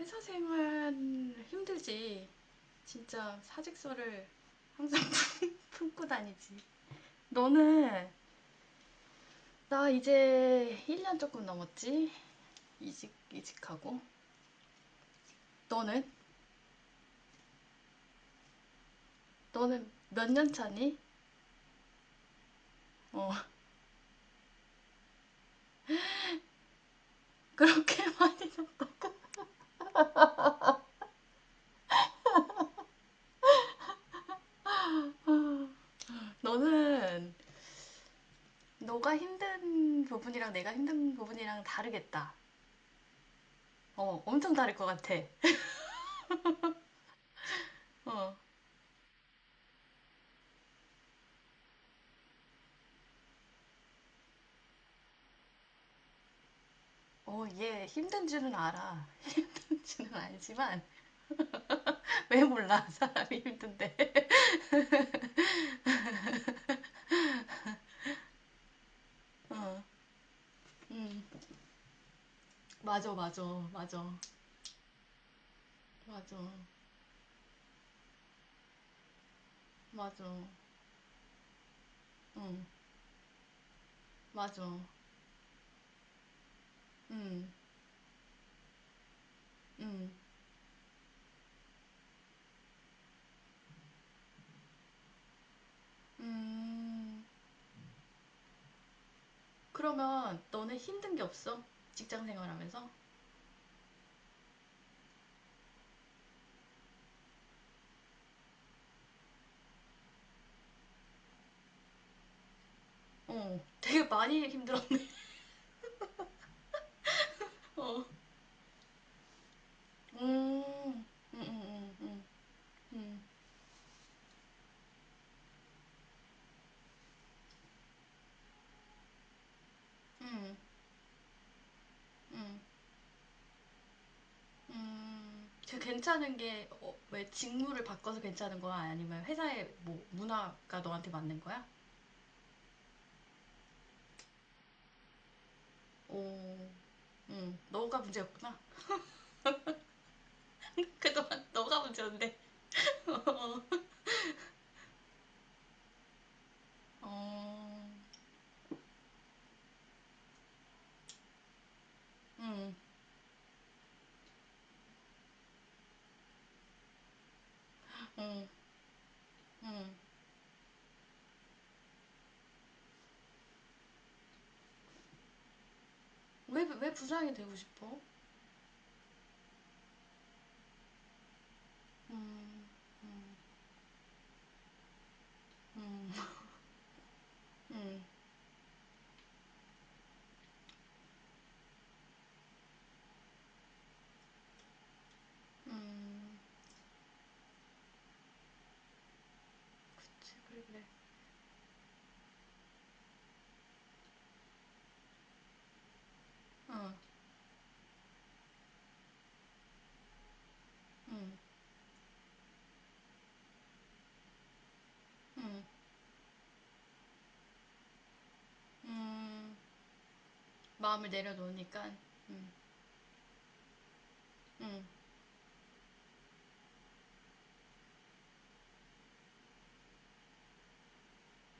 회사 생활 힘들지. 진짜 사직서를 항상 품고 다니지. 너는 나 이제 1년 조금 넘었지? 이직하고. 너는? 너는 몇 년 차니? 어, 그렇게 많이. 어, 너는 너가 힘든 부분이랑 내가 힘든 부분이랑 다르겠다. 어, 엄청 다를 것 같아. 어, 어, 얘 힘든 줄은 알아. 힘든 줄은 알지만 왜 몰라? 사람이 힘든데. 어, 응, 맞아, 맞아, 맞아, 맞아, 맞아, 응, 맞아, 응, 응, 음. 그러면 너네 힘든 게 없어? 직장 생활하면서? 어, 되게 많이 힘들어. 어, 음, 음, 음, 음, 음, 음, 음, 그 괜찮은 게, 어, 왜 직무를 바꿔서 괜찮은 거야? 아니면 회사의 뭐 문화가 너한테 맞는 거야? 어, 응, 너가 문제였구나. 그동안 너가 문제였는데. 어, 응, 응, 응. 왜 부장이 되고 싶어? 음, 음, 음, 음, 음, 그치, 그래, 그래. 어, 음, 음, 음, 마음을 내려놓으니까, 음, 음,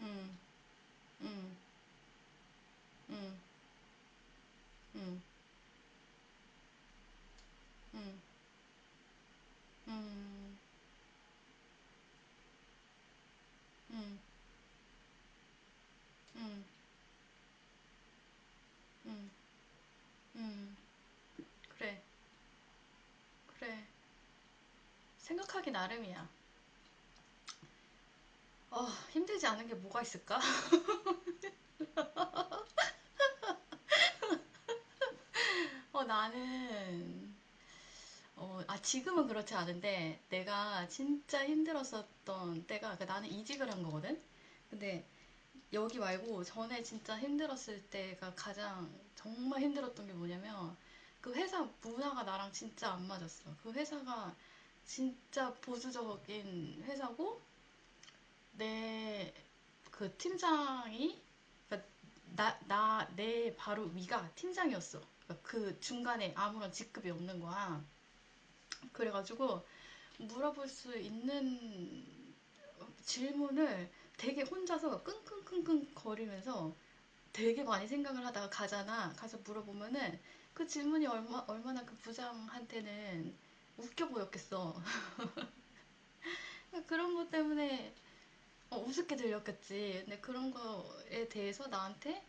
음, 음, 음, 음, 음, 음, 음, 음, 음, 음, 그래, 그래. 생각하기 나름이야. 어, 힘들지 않은 게 뭐가 있을까? 어, 나는, 어, 아, 지금은 그렇지 않은데, 내가 진짜 힘들었었던 때가, 그 나는 이직을 한 거거든? 근데 여기 말고 전에 진짜 힘들었을 때가 가장 정말 힘들었던 게 뭐냐면, 그 회사 문화가 나랑 진짜 안 맞았어. 그 회사가 진짜 보수적인 회사고, 내 그 팀장이, 그러니까 내 바로 위가 팀장이었어. 그러니까 그 중간에 아무런 직급이 없는 거야. 그래가지고, 물어볼 수 있는 질문을 되게 혼자서 끙끙끙끙 거리면서 되게 많이 생각을 하다가 가잖아. 가서 물어보면은 그 질문이 얼마나 그 부장한테는 웃겨 보였겠어. 그런 것 때문에 어, 우습게 들렸겠지. 근데 그런 거에 대해서 나한테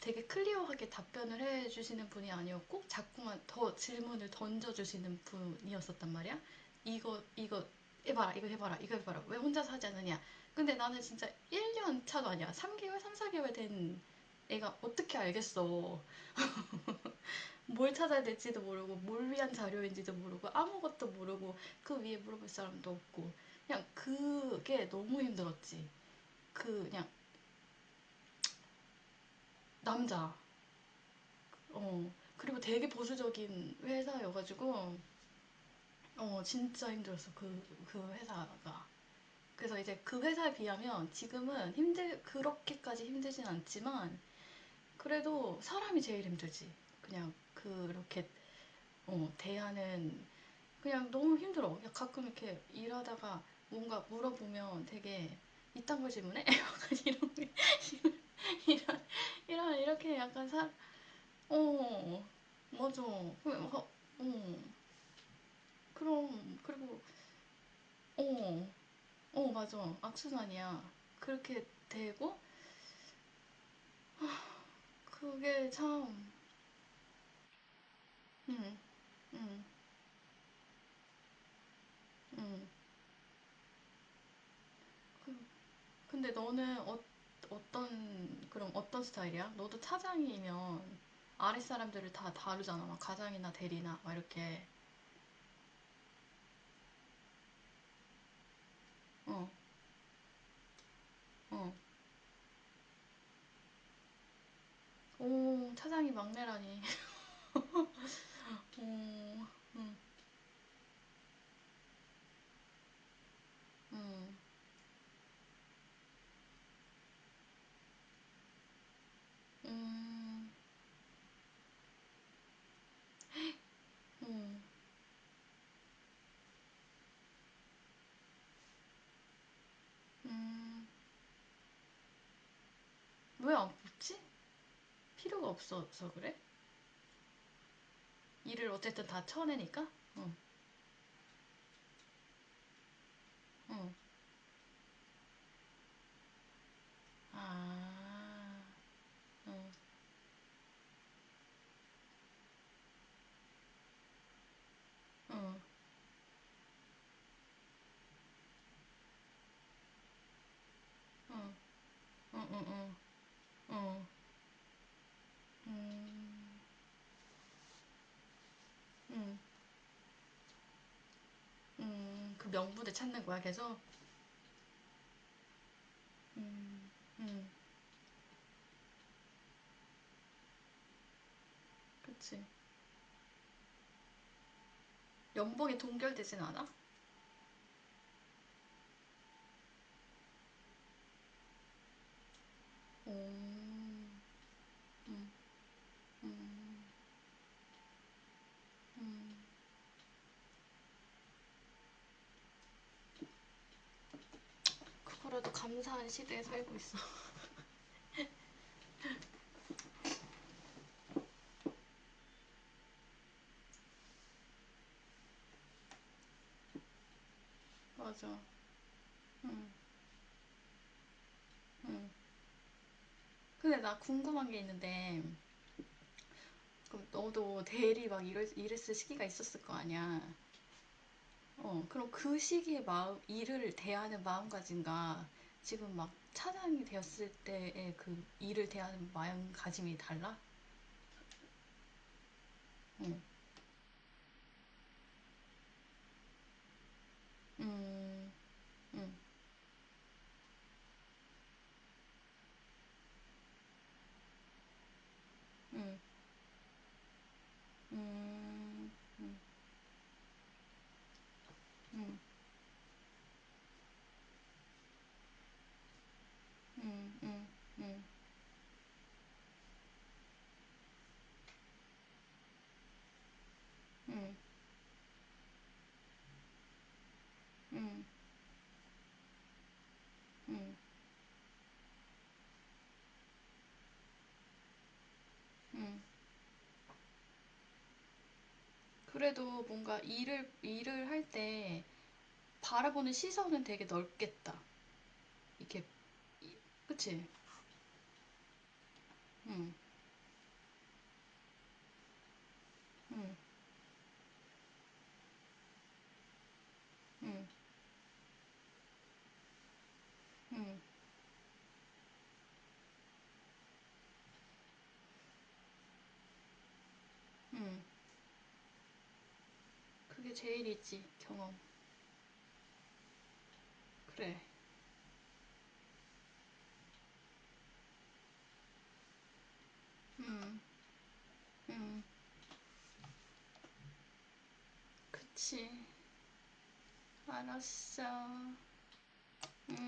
되게 클리어하게 답변을 해주시는 분이 아니었고 자꾸만 더 질문을 던져주시는 분이었었단 말이야. 이거 이거 해봐라 이거 해봐라 이거 해봐라 왜 혼자서 하지 않느냐. 근데 나는 진짜 1년 차도 아니야. 3개월 3, 4개월 된 애가 어떻게 알겠어. 뭘 찾아야 될지도 모르고 뭘 위한 자료인지도 모르고 아무것도 모르고 그 위에 물어볼 사람도 없고 그냥 그게 너무 힘들었지. 그 그냥 남자. 어. 그리고 되게 보수적인 회사여가지고 어, 진짜 힘들었어, 그 회사가. 그래서 이제 그 회사에 비하면 지금은 그렇게까지 힘들진 않지만, 그래도 사람이 제일 힘들지. 그냥 그렇게, 어, 대하는, 그냥 너무 힘들어. 그냥 가끔 이렇게 일하다가 뭔가 물어보면 되게, 이딴 걸 질문해? 약간 이런, 이런, 이런, 이렇게 약간 어, 맞아. 그, 어, 어, 그럼, 그리고, 어, 어, 맞아. 악순환이야. 그렇게 되고, 그게 참, 응, 응, 응, 그- 근데 너는 어, 어떤, 그럼 어떤 스타일이야? 너도 차장이면 아랫 사람들을 다 다루잖아. 막 가장이나 대리나, 막 이렇게. 어, 어. 오, 차장이 막내라니. 음, 음, 음, 음, 음, 음. 왜안 뽑지? 필요가 없어서 그래? 일을 어쨌든 다 쳐내니까? 응, 응. 아. 응, 응, 응, 응, 응, 응, 음, 응, 응, 그 명분을 찾는 거야, 계속? 음, 음, 그치. 연봉이 동결되진 않아? 오, 음, 음, 음. 그거라도 감사한 시대에 살고 있어. 맞아. 응, 응. 근데 나 궁금한 게 있는데, 그럼 너도 대리 막 이랬을 시기가 있었을 거 아니야? 어, 그럼 그 시기에 마음, 일을 대하는 마음가짐과 지금 막 차장이 되었을 때의 그 일을 대하는 마음가짐이 달라? 응, 음, 음, 음, 음, 음, 음, 음, 음, 음, 음, 음, 음, 음. 그래도 뭔가 일을 할 때 바라보는 시선은 되게 넓겠다. 이렇게, 이- 그치? 응, 응, 응, 응, 응. 그게 제일이지, 경험. 그래. 음. 응, 그치. 알았어. 응.